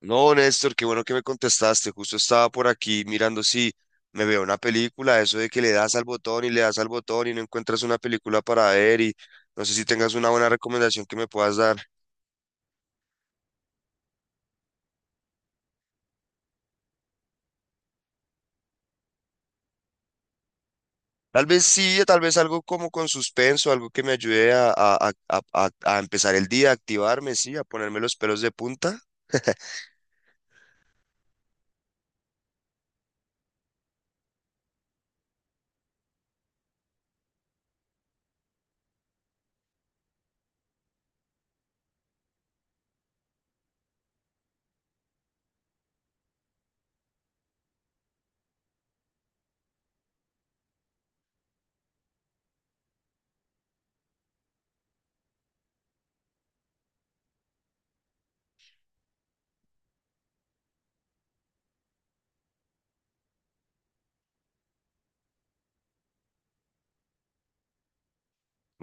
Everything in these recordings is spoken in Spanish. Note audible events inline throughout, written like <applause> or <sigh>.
No, Néstor, qué bueno que me contestaste. Justo estaba por aquí mirando si me veo una película, eso de que le das al botón y le das al botón y no encuentras una película para ver y no sé si tengas una buena recomendación que me puedas dar. Tal vez sí, tal vez algo como con suspenso, algo que me ayude a empezar el día, a activarme, sí, a ponerme los pelos de punta. <laughs>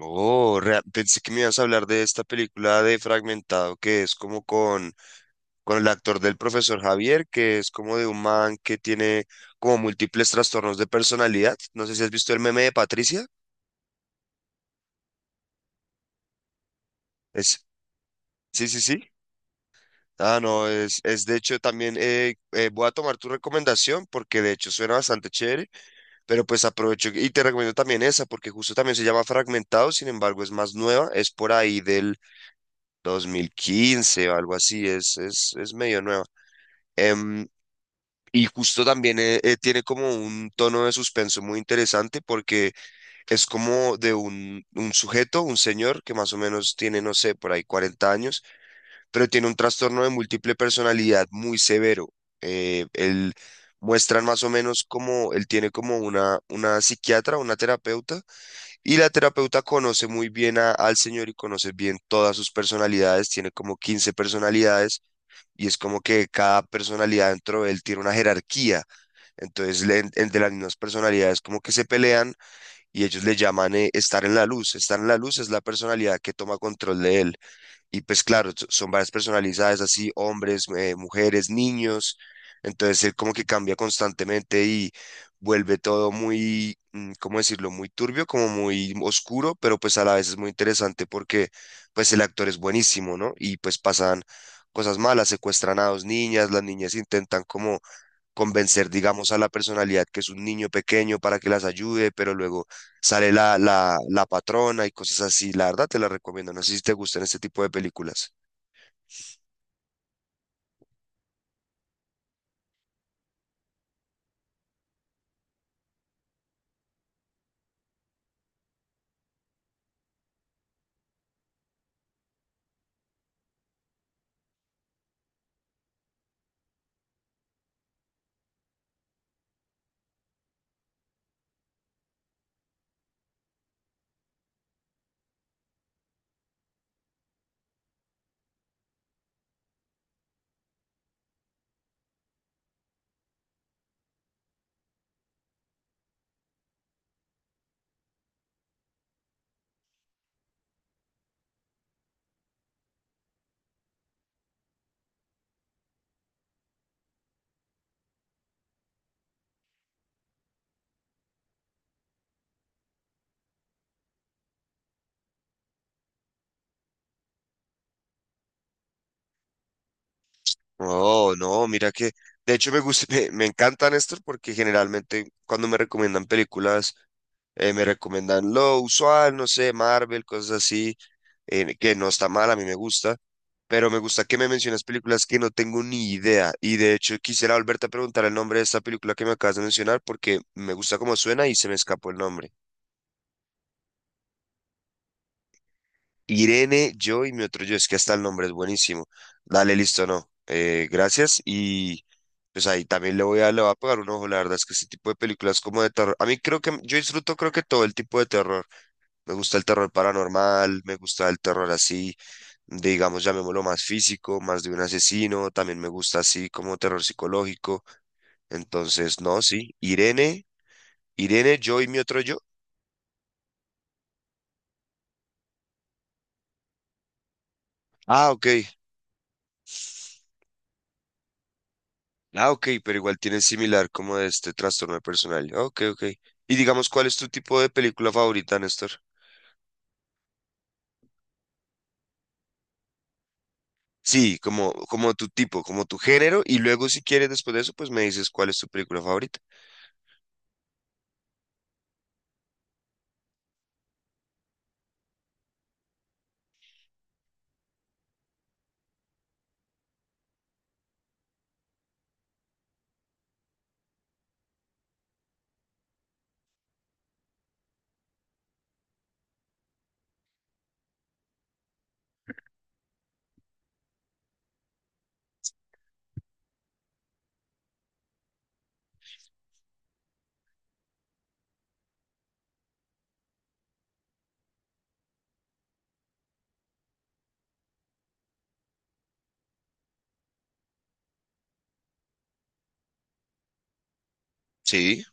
Oh, pensé que me ibas a hablar de esta película de Fragmentado, que es como con el actor del profesor Javier, que es como de un man que tiene como múltiples trastornos de personalidad. No sé si has visto el meme de Patricia. Es, sí, sí, sí. Ah, no, es de hecho también voy a tomar tu recomendación porque de hecho suena bastante chévere, pero pues aprovecho y te recomiendo también esa porque justo también se llama Fragmentado, sin embargo es más nueva, es por ahí del 2015 o algo así, es medio nueva. Em, y justo también tiene como un tono de suspenso muy interesante porque es como de un sujeto, un señor que más o menos tiene, no sé, por ahí 40 años, pero tiene un trastorno de múltiple personalidad muy severo. Él muestran más o menos como él tiene como una psiquiatra, una terapeuta, y la terapeuta conoce muy bien al señor y conoce bien todas sus personalidades, tiene como 15 personalidades, y es como que cada personalidad dentro de él tiene una jerarquía. Entonces, entre las mismas personalidades como que se pelean y ellos le llaman estar en la luz. Estar en la luz es la personalidad que toma control de él. Y pues claro, son varias personalidades así, hombres, mujeres, niños. Entonces él como que cambia constantemente y vuelve todo muy, ¿cómo decirlo? Muy turbio, como muy oscuro, pero pues a la vez es muy interesante porque pues el actor es buenísimo, ¿no? Y pues pasan cosas malas, secuestran a dos niñas, las niñas intentan como convencer, digamos, a la personalidad que es un niño pequeño para que las ayude, pero luego sale la patrona y cosas así. La verdad te la recomiendo. No sé si te gustan este tipo de películas. Oh, no, mira que, de hecho me gusta, <laughs> me encantan estos porque generalmente cuando me recomiendan películas, me recomiendan lo usual, no sé, Marvel, cosas así. Eh, que no está mal, a mí me gusta, pero me gusta que me menciones películas que no tengo ni idea. Y de hecho quisiera volverte a preguntar el nombre de esta película que me acabas de mencionar porque me gusta cómo suena y se me escapó el nombre. Irene, yo y mi otro yo, es que hasta el nombre es buenísimo. Dale, listo, no. Gracias y pues ahí también le voy a pegar un ojo, la verdad es que ese tipo de películas como de terror, a mí creo que yo disfruto creo que todo el tipo de terror. Me gusta el terror paranormal, me gusta el terror así, digamos, llamémoslo más físico, más de un asesino, también me gusta así como terror psicológico. Entonces, no, sí. Irene, yo y mi otro yo. Ah, ok. Ah, ok, pero igual tiene similar como de este trastorno de personalidad. Ok, ok. Y digamos, ¿cuál es tu tipo de película favorita, Néstor? Sí, como, como tu tipo, como tu género, y luego si quieres después de eso, pues me dices cuál es tu película favorita. Sí,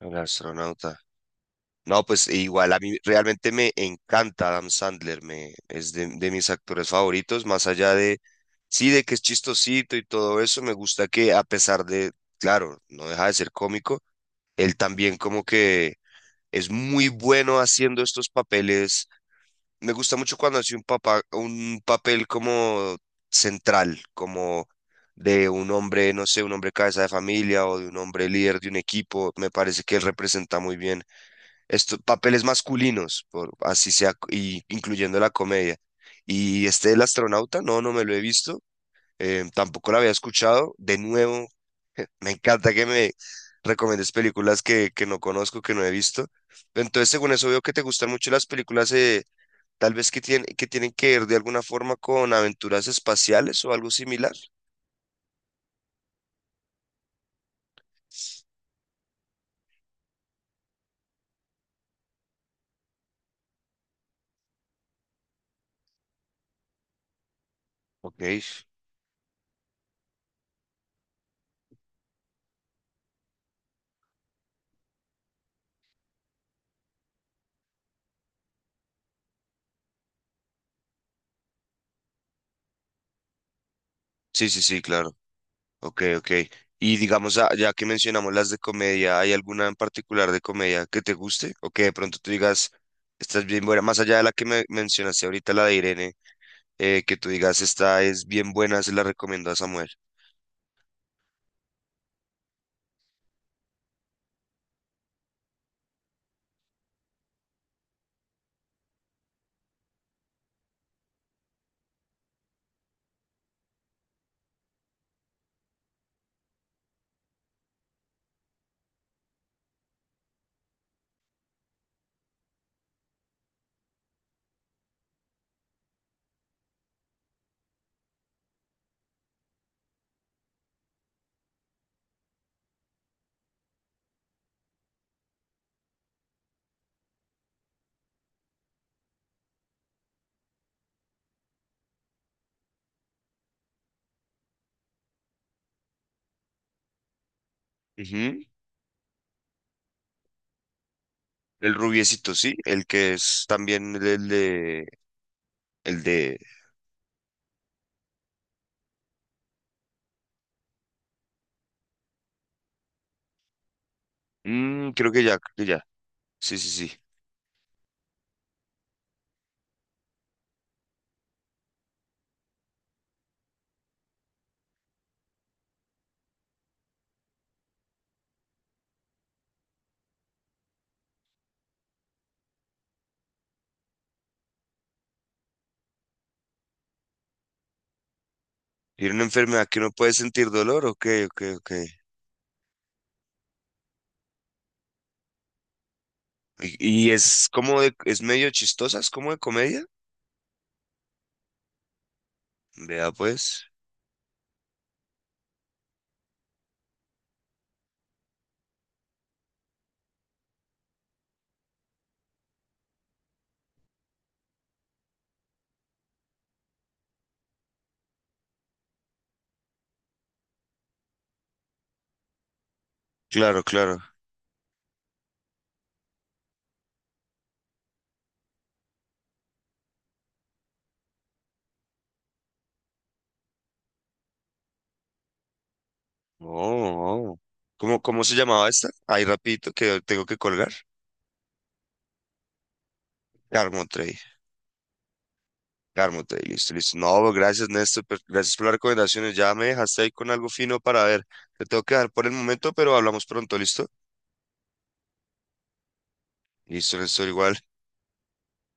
El astronauta. No, pues e igual a mí realmente me encanta Adam Sandler, me, es de mis actores favoritos, más allá de, sí, de que es chistosito y todo eso, me gusta que a pesar de, claro, no deja de ser cómico, él también como que es muy bueno haciendo estos papeles. Me gusta mucho cuando hace un papá, un papel como central, como de un hombre, no sé, un hombre cabeza de familia o de un hombre líder de un equipo, me parece que él representa muy bien estos papeles masculinos, por, así sea, y incluyendo la comedia. Y este El astronauta, no, no me lo he visto, tampoco lo había escuchado. De nuevo, <laughs> me encanta que me recomiendes películas que no conozco, que no he visto. Entonces, según eso, veo que te gustan mucho las películas, tal vez que tienen que ver de alguna forma con aventuras espaciales o algo similar. Ok. Sí, sí, sí, claro. Ok, ok. Y digamos, ah, ya que mencionamos las de comedia, ¿hay alguna en particular de comedia que te guste? O que de pronto tú digas, esta es bien buena, más allá de la que me mencionaste ahorita, la de Irene, que tú digas, esta es bien buena, se la recomiendo a Samuel. Ujú. El rubiecito, sí, el que es también el de, creo que ya, sí, sí, sí. Tiene una enfermedad que no puede sentir dolor, ok, ok, ok. Y es como de, es medio chistosa, es como de comedia. Vea pues. Claro, claro. Oh, oh. ¿Cómo, cómo se llamaba esta? Ahí rapidito que tengo que colgar. Carmo Trade. Carmo Trade, listo, listo. No, bro, gracias, Néstor. Gracias por las recomendaciones. Ya me dejaste ahí con algo fino para ver. Te tengo que dejar por el momento, pero hablamos pronto, ¿listo? Listo, Néstor, igual.